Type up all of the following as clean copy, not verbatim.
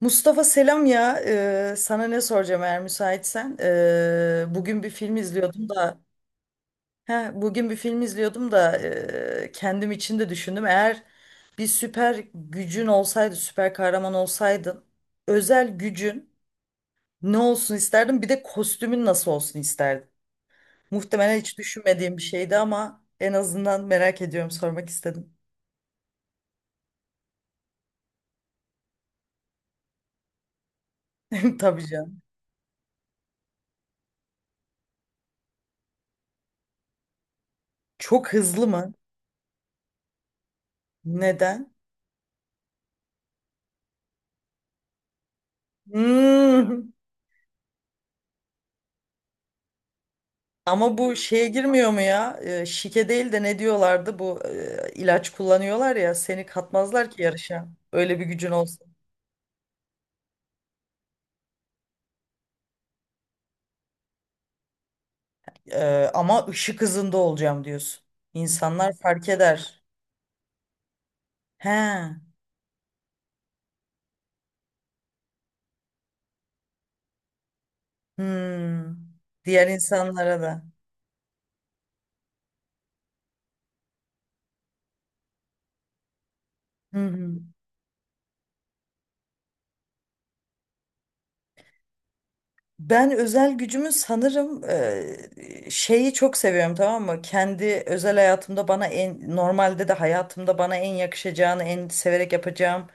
Mustafa, selam ya. Sana ne soracağım, eğer müsaitsen. Bugün bir film izliyordum da. He, bugün bir film izliyordum da, kendim için de düşündüm. Eğer bir süper gücün olsaydı, süper kahraman olsaydın, özel gücün ne olsun isterdin? Bir de kostümün nasıl olsun isterdin? Muhtemelen hiç düşünmediğim bir şeydi, ama en azından merak ediyorum, sormak istedim. Tabii canım. Çok hızlı mı? Neden? Hmm. Ama bu şeye girmiyor mu ya? Şike değil de ne diyorlardı? Bu ilaç kullanıyorlar ya, seni katmazlar ki yarışa. Öyle bir gücün olsun. Ama ışık hızında olacağım diyorsun. İnsanlar fark eder. He. Hmm. Diğer insanlara da. Hı hı. Ben özel gücümü sanırım, şeyi çok seviyorum, tamam mı? Kendi özel hayatımda bana en normalde de hayatımda bana en yakışacağını, en severek yapacağım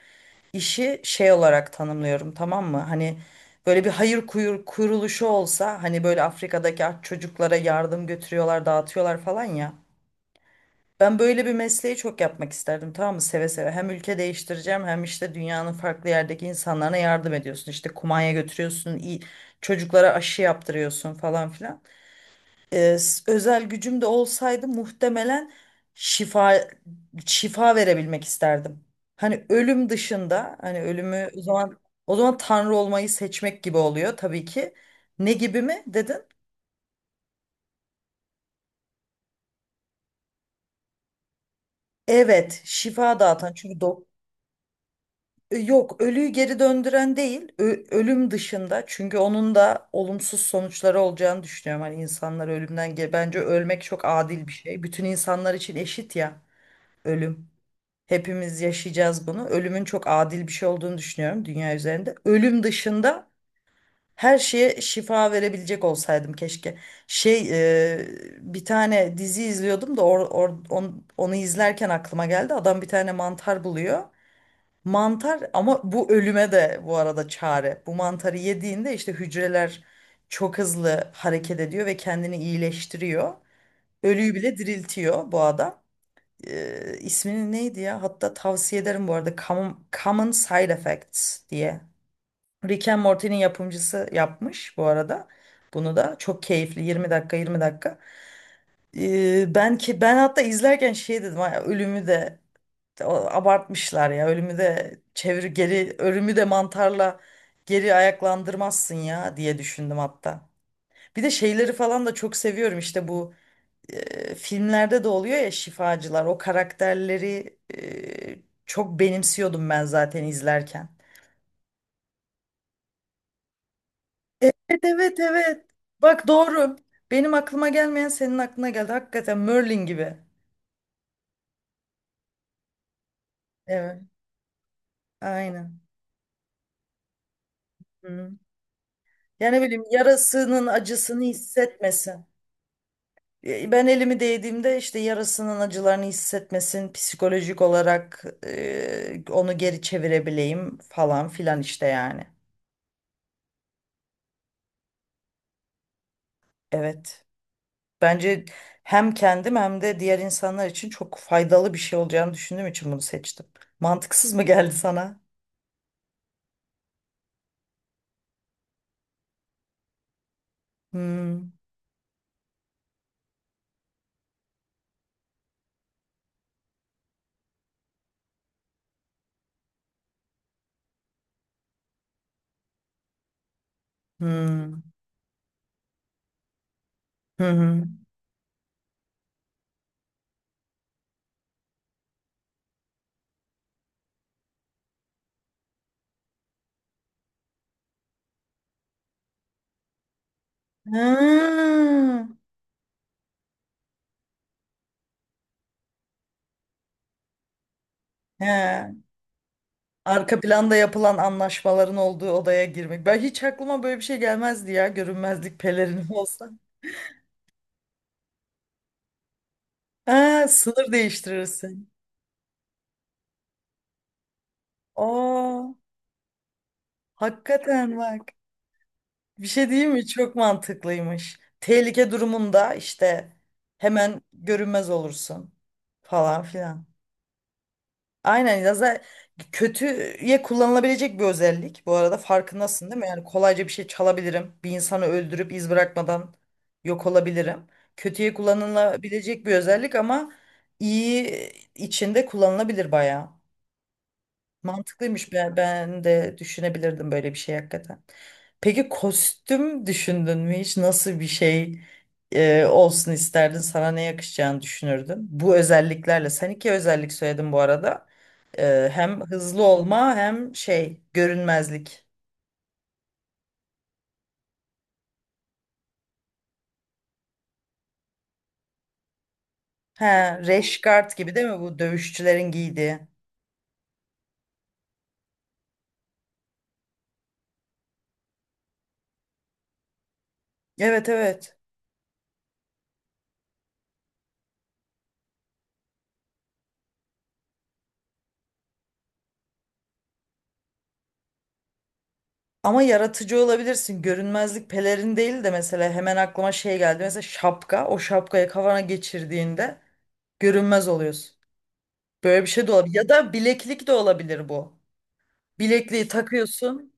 İşi şey olarak tanımlıyorum, tamam mı? Hani böyle bir hayır kuyur, kuruluşu olsa, hani böyle Afrika'daki aç çocuklara yardım götürüyorlar, dağıtıyorlar falan ya. Ben böyle bir mesleği çok yapmak isterdim, tamam mı? Seve seve. Hem ülke değiştireceğim, hem işte dünyanın farklı yerdeki insanlarına yardım ediyorsun. İşte kumanya götürüyorsun, iyi, çocuklara aşı yaptırıyorsun falan filan. Özel gücüm de olsaydı, muhtemelen şifa şifa verebilmek isterdim. Hani ölüm dışında, hani ölümü, o zaman tanrı olmayı seçmek gibi oluyor tabii ki. Ne gibi mi dedin? Evet, şifa dağıtan, çünkü yok, ölüyü geri döndüren değil, ölüm dışında, çünkü onun da olumsuz sonuçları olacağını düşünüyorum. Hani insanlar ölümden bence ölmek çok adil bir şey. Bütün insanlar için eşit ya, ölüm. Hepimiz yaşayacağız bunu. Ölümün çok adil bir şey olduğunu düşünüyorum dünya üzerinde. Ölüm dışında her şeye şifa verebilecek olsaydım keşke. Şey, e, bir tane dizi izliyordum da, onu izlerken aklıma geldi. Adam bir tane mantar buluyor. Mantar, ama bu ölüme de bu arada çare. Bu mantarı yediğinde işte hücreler çok hızlı hareket ediyor ve kendini iyileştiriyor. Ölüyü bile diriltiyor bu adam. İsmini neydi ya? Hatta tavsiye ederim bu arada. Common Side Effects diye. Rick and Morty'nin yapımcısı yapmış bu arada. Bunu da çok keyifli, 20 dakika, 20 dakika. Ben hatta izlerken şey dedim: "Ay, ölümü de, o- abartmışlar ya. Ölümü de çevir geri, ölümü de mantarla geri ayaklandırmazsın ya," diye düşündüm hatta. Bir de şeyleri falan da çok seviyorum, işte bu filmlerde de oluyor ya, şifacılar. O karakterleri çok benimsiyordum ben zaten izlerken. Evet, evet, evet. Bak doğru. Benim aklıma gelmeyen senin aklına geldi. Hakikaten Merlin gibi. Evet. Aynen. Hı. Yani ne bileyim, yarasının acısını hissetmesin. Ben elimi değdiğimde işte yarasının acılarını hissetmesin. Psikolojik olarak onu geri çevirebileyim falan filan işte, yani. Evet. Bence hem kendim, hem de diğer insanlar için çok faydalı bir şey olacağını düşündüğüm için bunu seçtim. Mantıksız mı geldi sana? Hmm. Hmm. Hı hı. Hmm. He. Arka planda yapılan anlaşmaların olduğu odaya girmek. Ben hiç, aklıma böyle bir şey gelmezdi ya. Görünmezlik pelerini olsa. Ha, sınır değiştirirsin. Aa, hakikaten bak. Bir şey değil mi? Çok mantıklıymış. Tehlike durumunda işte hemen görünmez olursun falan filan. Aynen ya, kötüye kullanılabilecek bir özellik. Bu arada farkındasın değil mi? Yani kolayca bir şey çalabilirim. Bir insanı öldürüp iz bırakmadan yok olabilirim. Kötüye kullanılabilecek bir özellik, ama iyi içinde kullanılabilir bayağı. Mantıklıymış. Ben, de düşünebilirdim böyle bir şey hakikaten. Peki kostüm düşündün mü hiç? Nasıl bir şey olsun isterdin? Sana ne yakışacağını düşünürdün, bu özelliklerle? Sen iki özellik söyledin bu arada. Hem hızlı olma, hem şey, görünmezlik. He, rash gibi değil mi bu dövüşçülerin giydiği? Evet, evet. Ama yaratıcı olabilirsin. Görünmezlik pelerin değil de mesela, hemen aklıma şey geldi. Mesela şapka. O şapkayı kafana geçirdiğinde görünmez oluyorsun. Böyle bir şey de olabilir. Ya da bileklik de olabilir bu. Bilekliği takıyorsun.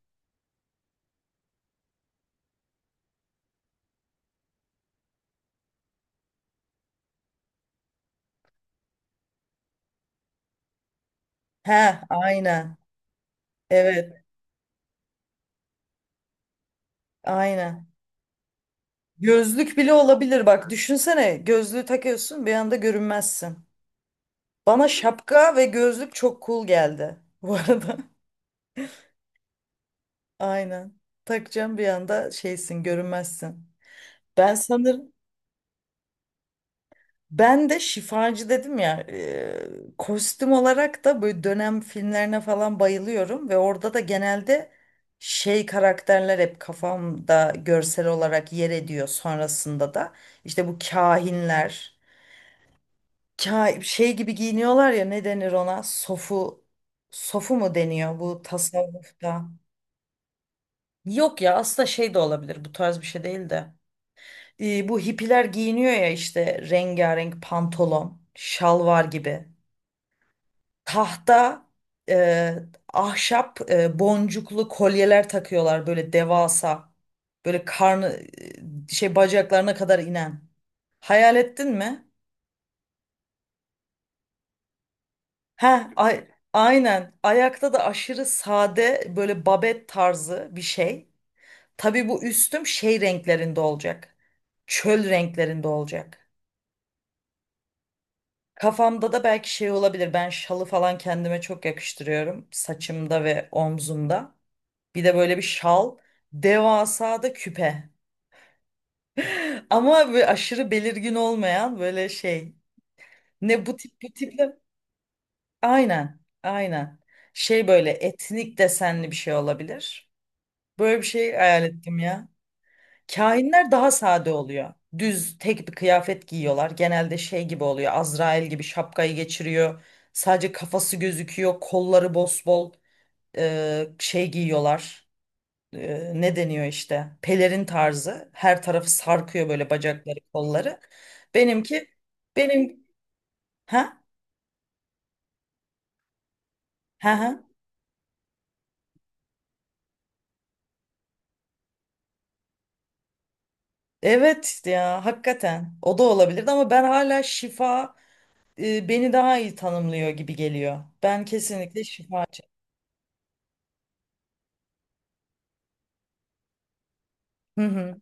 He, aynen. Evet, aynen. Gözlük bile olabilir. Bak düşünsene, gözlüğü takıyorsun, bir anda görünmezsin. Bana şapka ve gözlük çok cool geldi bu arada. Aynen. Takacağım, bir anda şeysin, görünmezsin. Ben sanırım, Ben de şifacı dedim ya, kostüm olarak da böyle dönem filmlerine falan bayılıyorum, ve orada da genelde şey karakterler hep kafamda görsel olarak yer ediyor sonrasında da. İşte bu kahinler, şey gibi giyiniyorlar ya, ne denir ona, sofu, sofu mu deniyor bu tasavvufta? Yok ya, aslında şey de olabilir, bu tarz bir şey değil de, bu hippiler giyiniyor ya işte, rengarenk pantolon, şalvar gibi. tahta e, ahşap boncuklu kolyeler takıyorlar böyle devasa, böyle karnı, şey, bacaklarına kadar inen. Hayal ettin mi? Ha, ay, aynen. Ayakta da aşırı sade, böyle babet tarzı bir şey. Tabii bu üstüm şey renklerinde olacak. Çöl renklerinde olacak. Kafamda da belki şey olabilir. Ben şalı falan kendime çok yakıştırıyorum, saçımda ve omzumda. Bir de böyle bir şal. Devasa da küpe. Ama böyle aşırı belirgin olmayan, böyle şey. Ne, bu tip, bu tiple. Aynen. Aynen. Şey, böyle etnik desenli bir şey olabilir. Böyle bir şey hayal ettim ya. Kahinler daha sade oluyor. Düz tek bir kıyafet giyiyorlar. Genelde şey gibi oluyor. Azrail gibi şapkayı geçiriyor. Sadece kafası gözüküyor. Kolları bosbol, şey giyiyorlar. Ne deniyor işte, pelerin tarzı, her tarafı sarkıyor böyle, bacakları, kolları. Benimki, benim ha, ha, evet ya, hakikaten o da olabilirdi, ama ben hala şifa, beni daha iyi tanımlıyor gibi geliyor. Ben kesinlikle şifacı. Hı hı.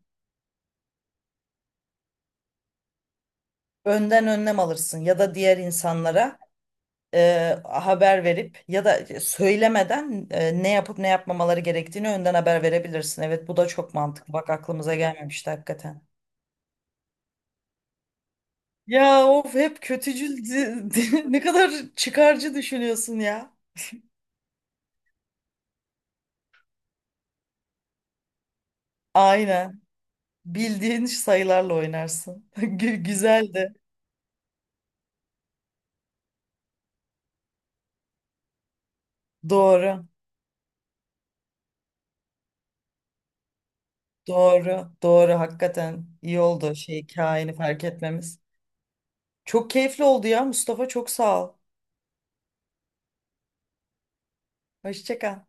Önden önlem alırsın, ya da diğer insanlara haber verip, ya da söylemeden ne yapıp ne yapmamaları gerektiğini önden haber verebilirsin. Evet, bu da çok mantıklı. Bak aklımıza gelmemişti hakikaten. Ya of, hep kötücül, ne kadar çıkarcı düşünüyorsun ya. Aynen. Bildiğin sayılarla oynarsın. Güzel de. Doğru. Doğru. Doğru. Hakikaten iyi oldu şey, hikayeni fark etmemiz. Çok keyifli oldu ya Mustafa. Çok sağ ol. Hoşça kal.